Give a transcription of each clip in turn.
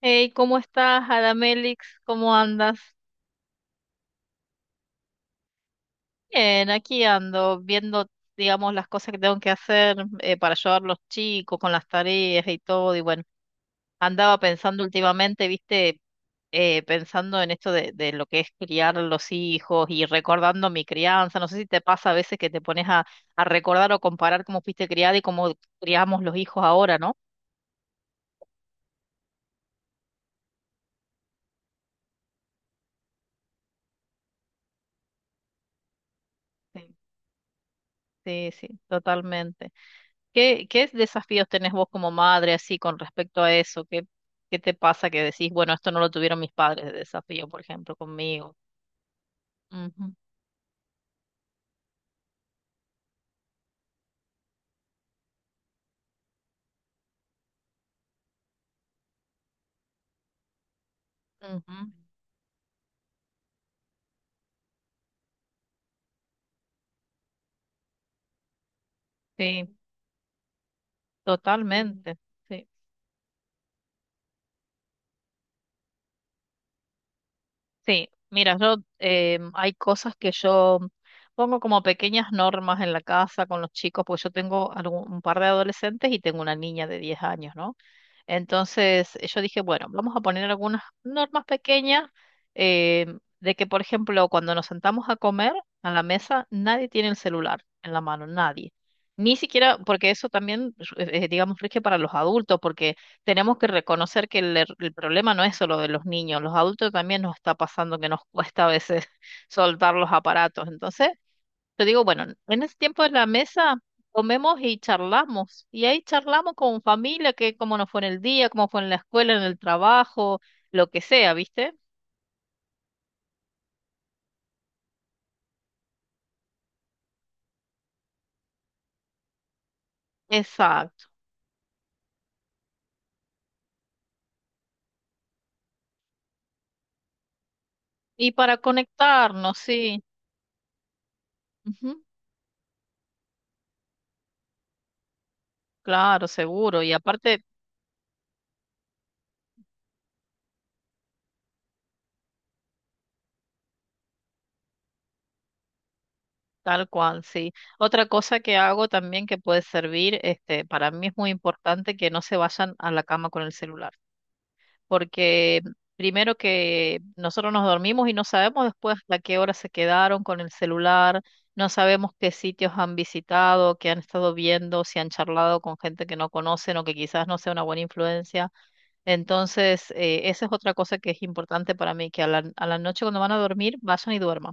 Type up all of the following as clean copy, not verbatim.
Hey, ¿cómo estás, Adamelix? ¿Cómo andas? Bien, aquí ando viendo, digamos, las cosas que tengo que hacer para ayudar a los chicos con las tareas y todo. Y bueno, andaba pensando últimamente, viste, pensando en esto de lo que es criar a los hijos y recordando mi crianza. No sé si te pasa a veces que te pones a recordar o comparar cómo fuiste criada y cómo criamos los hijos ahora, ¿no? Sí, sí, totalmente. ¿Qué desafíos tenés vos como madre así con respecto a eso? ¿Qué te pasa que decís, bueno, esto no lo tuvieron mis padres de desafío, por ejemplo, conmigo? Ujú, ujú. Sí, totalmente. Sí. Sí, mira, yo hay cosas que yo pongo como pequeñas normas en la casa con los chicos, porque yo tengo un par de adolescentes y tengo una niña de 10 años, ¿no? Entonces yo dije, bueno, vamos a poner algunas normas pequeñas eh, de que, por ejemplo, cuando nos sentamos a comer a la mesa, nadie tiene el celular en la mano, nadie. Ni siquiera, porque eso también, digamos, rige para los adultos, porque tenemos que reconocer que el problema no es solo de los niños, los adultos también nos está pasando que nos cuesta a veces soltar los aparatos. Entonces, yo digo, bueno, en ese tiempo de la mesa comemos y charlamos, y ahí charlamos con familia, que cómo nos fue en el día, cómo fue en la escuela, en el trabajo, lo que sea, ¿viste? Exacto. Y para conectarnos, sí. Ujú. Claro, seguro. Y aparte. Tal cual, sí. Otra cosa que hago también que puede servir, este, para mí es muy importante que no se vayan a la cama con el celular, porque primero que nosotros nos dormimos y no sabemos después a qué hora se quedaron con el celular, no sabemos qué sitios han visitado, qué han estado viendo, si han charlado con gente que no conocen o que quizás no sea una buena influencia. Entonces, esa es otra cosa que es importante para mí, que a la noche cuando van a dormir, vayan y duerman,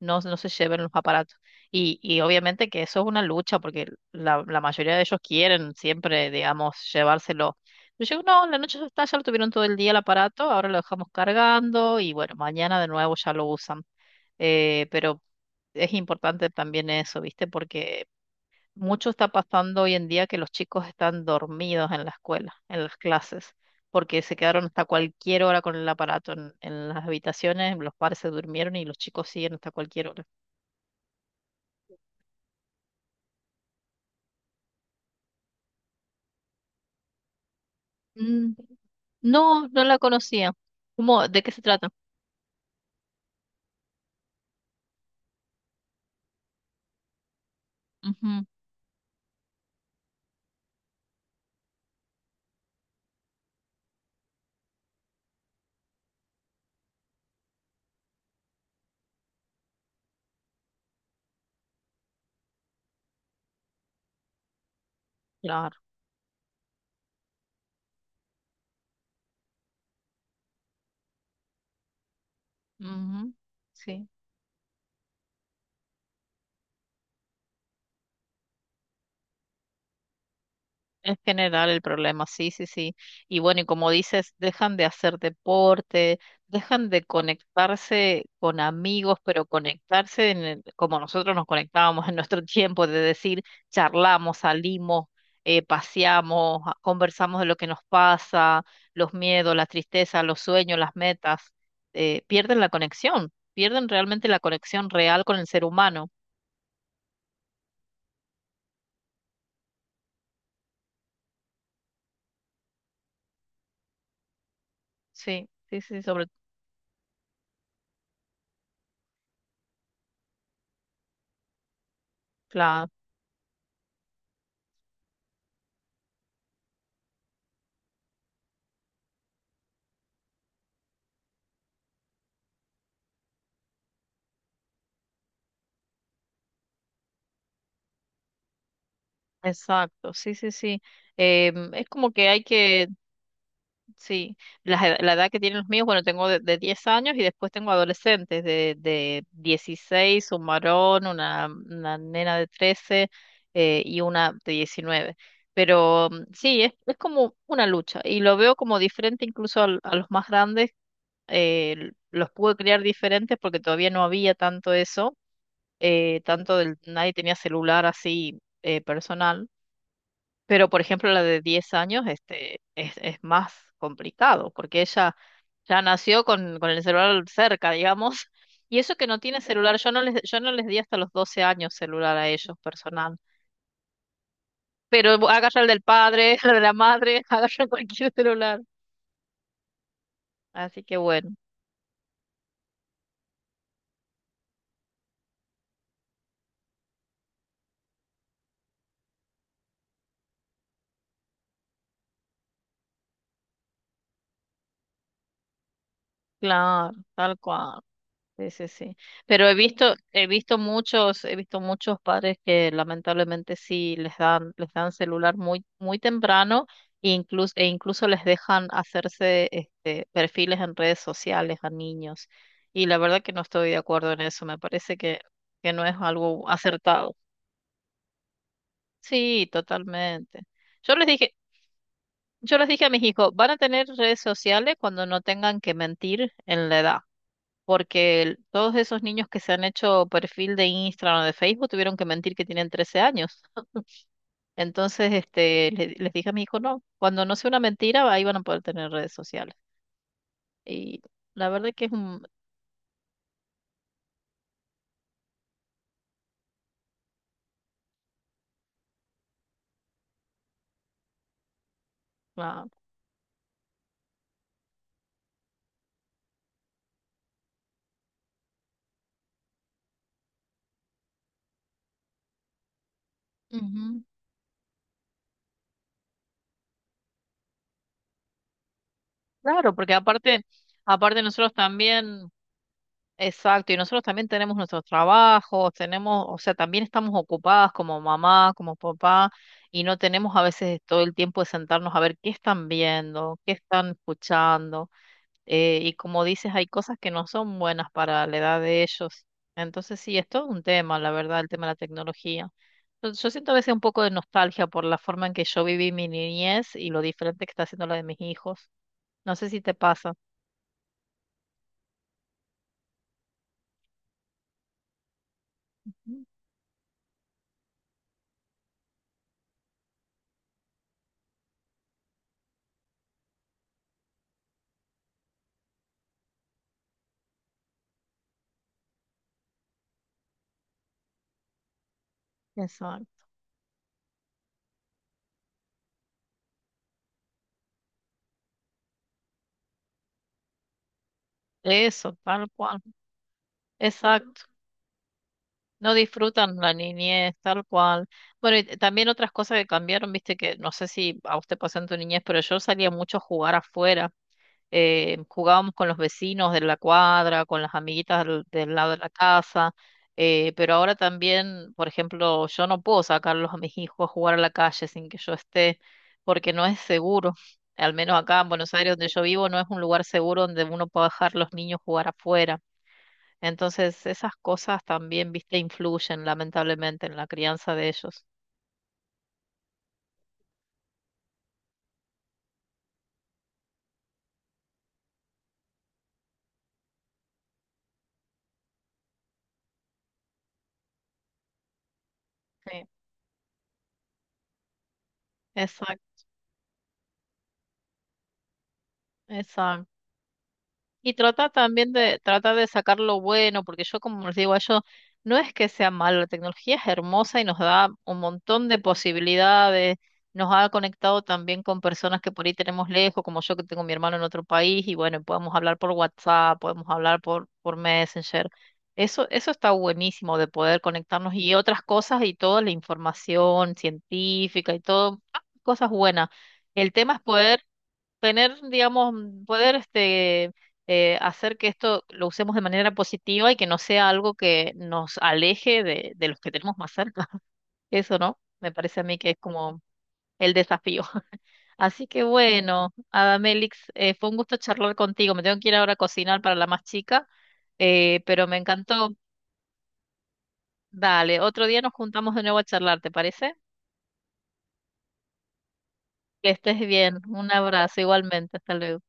no, no se lleven los aparatos. Y obviamente que eso es una lucha, porque la mayoría de ellos quieren siempre, digamos, llevárselo. Pero yo digo, no, en la noche ya está, ya lo tuvieron todo el día el aparato, ahora lo dejamos cargando y bueno, mañana de nuevo ya lo usan. Pero es importante también eso, ¿viste? Porque mucho está pasando hoy en día que los chicos están dormidos en la escuela, en las clases, porque se quedaron hasta cualquier hora con el aparato en las habitaciones, los padres se durmieron y los chicos siguen hasta cualquier hora. Mm. No, no la conocía. ¿Cómo? ¿De qué se trata? Ujú, claro. Ujú, sí. En general el problema, sí, sí, sí. Y bueno, y como dices, dejan de hacer deporte, dejan de conectarse con amigos, pero conectarse en como nosotros nos conectábamos en nuestro tiempo, de decir, charlamos, salimos, paseamos, conversamos de lo que nos pasa, los miedos, las tristezas, los sueños, las metas. Pierden la conexión, pierden realmente la conexión real con el ser humano. Sí, sí, sí, sobre. Exacto, sí, sí, sí. Es como que hay que. Sí, la edad que tienen los míos, bueno, tengo de 10 años y después tengo adolescentes de 16, un varón, una nena de 13, y una de 19. Pero sí, es como una lucha y lo veo como diferente incluso a los más grandes. Los pude criar diferentes porque todavía no había tanto eso. Nadie tenía celular así. Personal, pero, por ejemplo, la de 10 años, este, es más complicado, porque ella ya nació con el celular cerca, digamos, y eso que no tiene celular, yo no les di hasta los 12 años celular a ellos personal, pero agarra el del padre, el de la madre, agarra cualquier celular, así que bueno, claro, tal cual. Sí, sí, sí. Pero he visto muchos padres que lamentablemente sí les dan celular muy, muy temprano, e incluso les dejan hacerse este perfiles en redes sociales a niños. Y la verdad que no estoy de acuerdo en eso, me parece que no es algo acertado. Sí, totalmente. Yo les dije, yo les dije a mis hijos, van a tener redes sociales cuando no tengan que mentir en la edad. Porque todos esos niños que se han hecho perfil de Instagram o de Facebook tuvieron que mentir que tienen 13 años. Entonces, este, les dije a mi hijo, no, cuando no sea una mentira, ahí van a poder tener redes sociales. Y la verdad que una- Ujú. Claro, porque aparte, nosotros también, exacto, y nosotros también tenemos nuestros trabajos, tenemos, o sea, también estamos ocupadas como mamá, como papá, y no tenemos a veces todo el tiempo de sentarnos a ver qué están viendo, qué están escuchando. Y como dices, hay cosas que no son buenas para la edad de ellos. Entonces sí, es todo un tema, la verdad, el tema de la tecnología. Yo siento a veces un poco de nostalgia por la forma en que yo viví mi niñez y lo diferente que está haciendo la de mis hijos. No sé si te pasa. Mm. Exacto. Eso, tal cual. Exacto. No disfrutan la niñez, tal cual. Bueno, y también otras cosas que cambiaron, viste, que no sé si a usted pasó en tu niñez, pero yo salía mucho a jugar afuera, jugábamos con los vecinos de la cuadra, con las amiguitas del, del lado de la casa, pero ahora también, por ejemplo, yo no puedo sacarlos a mis hijos a jugar a la calle sin que yo esté, porque no es seguro. Al menos acá en Buenos Aires, donde yo vivo, no es un lugar seguro donde uno pueda dejar los niños jugar afuera. Entonces, esas cosas también, viste, influyen lamentablemente en la crianza de ellos. Sí, exacto. Y trata también de sacar lo bueno, porque yo como les digo a ellos, no es que sea malo, la tecnología es hermosa y nos da un montón de posibilidades, nos ha conectado también con personas que por ahí tenemos lejos, como yo que tengo a mi hermano en otro país, y bueno, podemos hablar por WhatsApp, podemos hablar por Messenger. Eso está buenísimo de poder conectarnos y otras cosas y toda la información científica y todo, ah, cosas buenas. El tema es poder tener, digamos, poder este, hacer que esto lo usemos de manera positiva y que no sea algo que nos aleje de los que tenemos más cerca. Eso, ¿no? Me parece a mí que es como el desafío. Así que bueno, Adamelix, fue un gusto charlar contigo. Me tengo que ir ahora a cocinar para la más chica, pero me encantó. Dale, otro día nos juntamos de nuevo a charlar, ¿te parece? Que estés bien. Un abrazo igualmente. Hasta luego.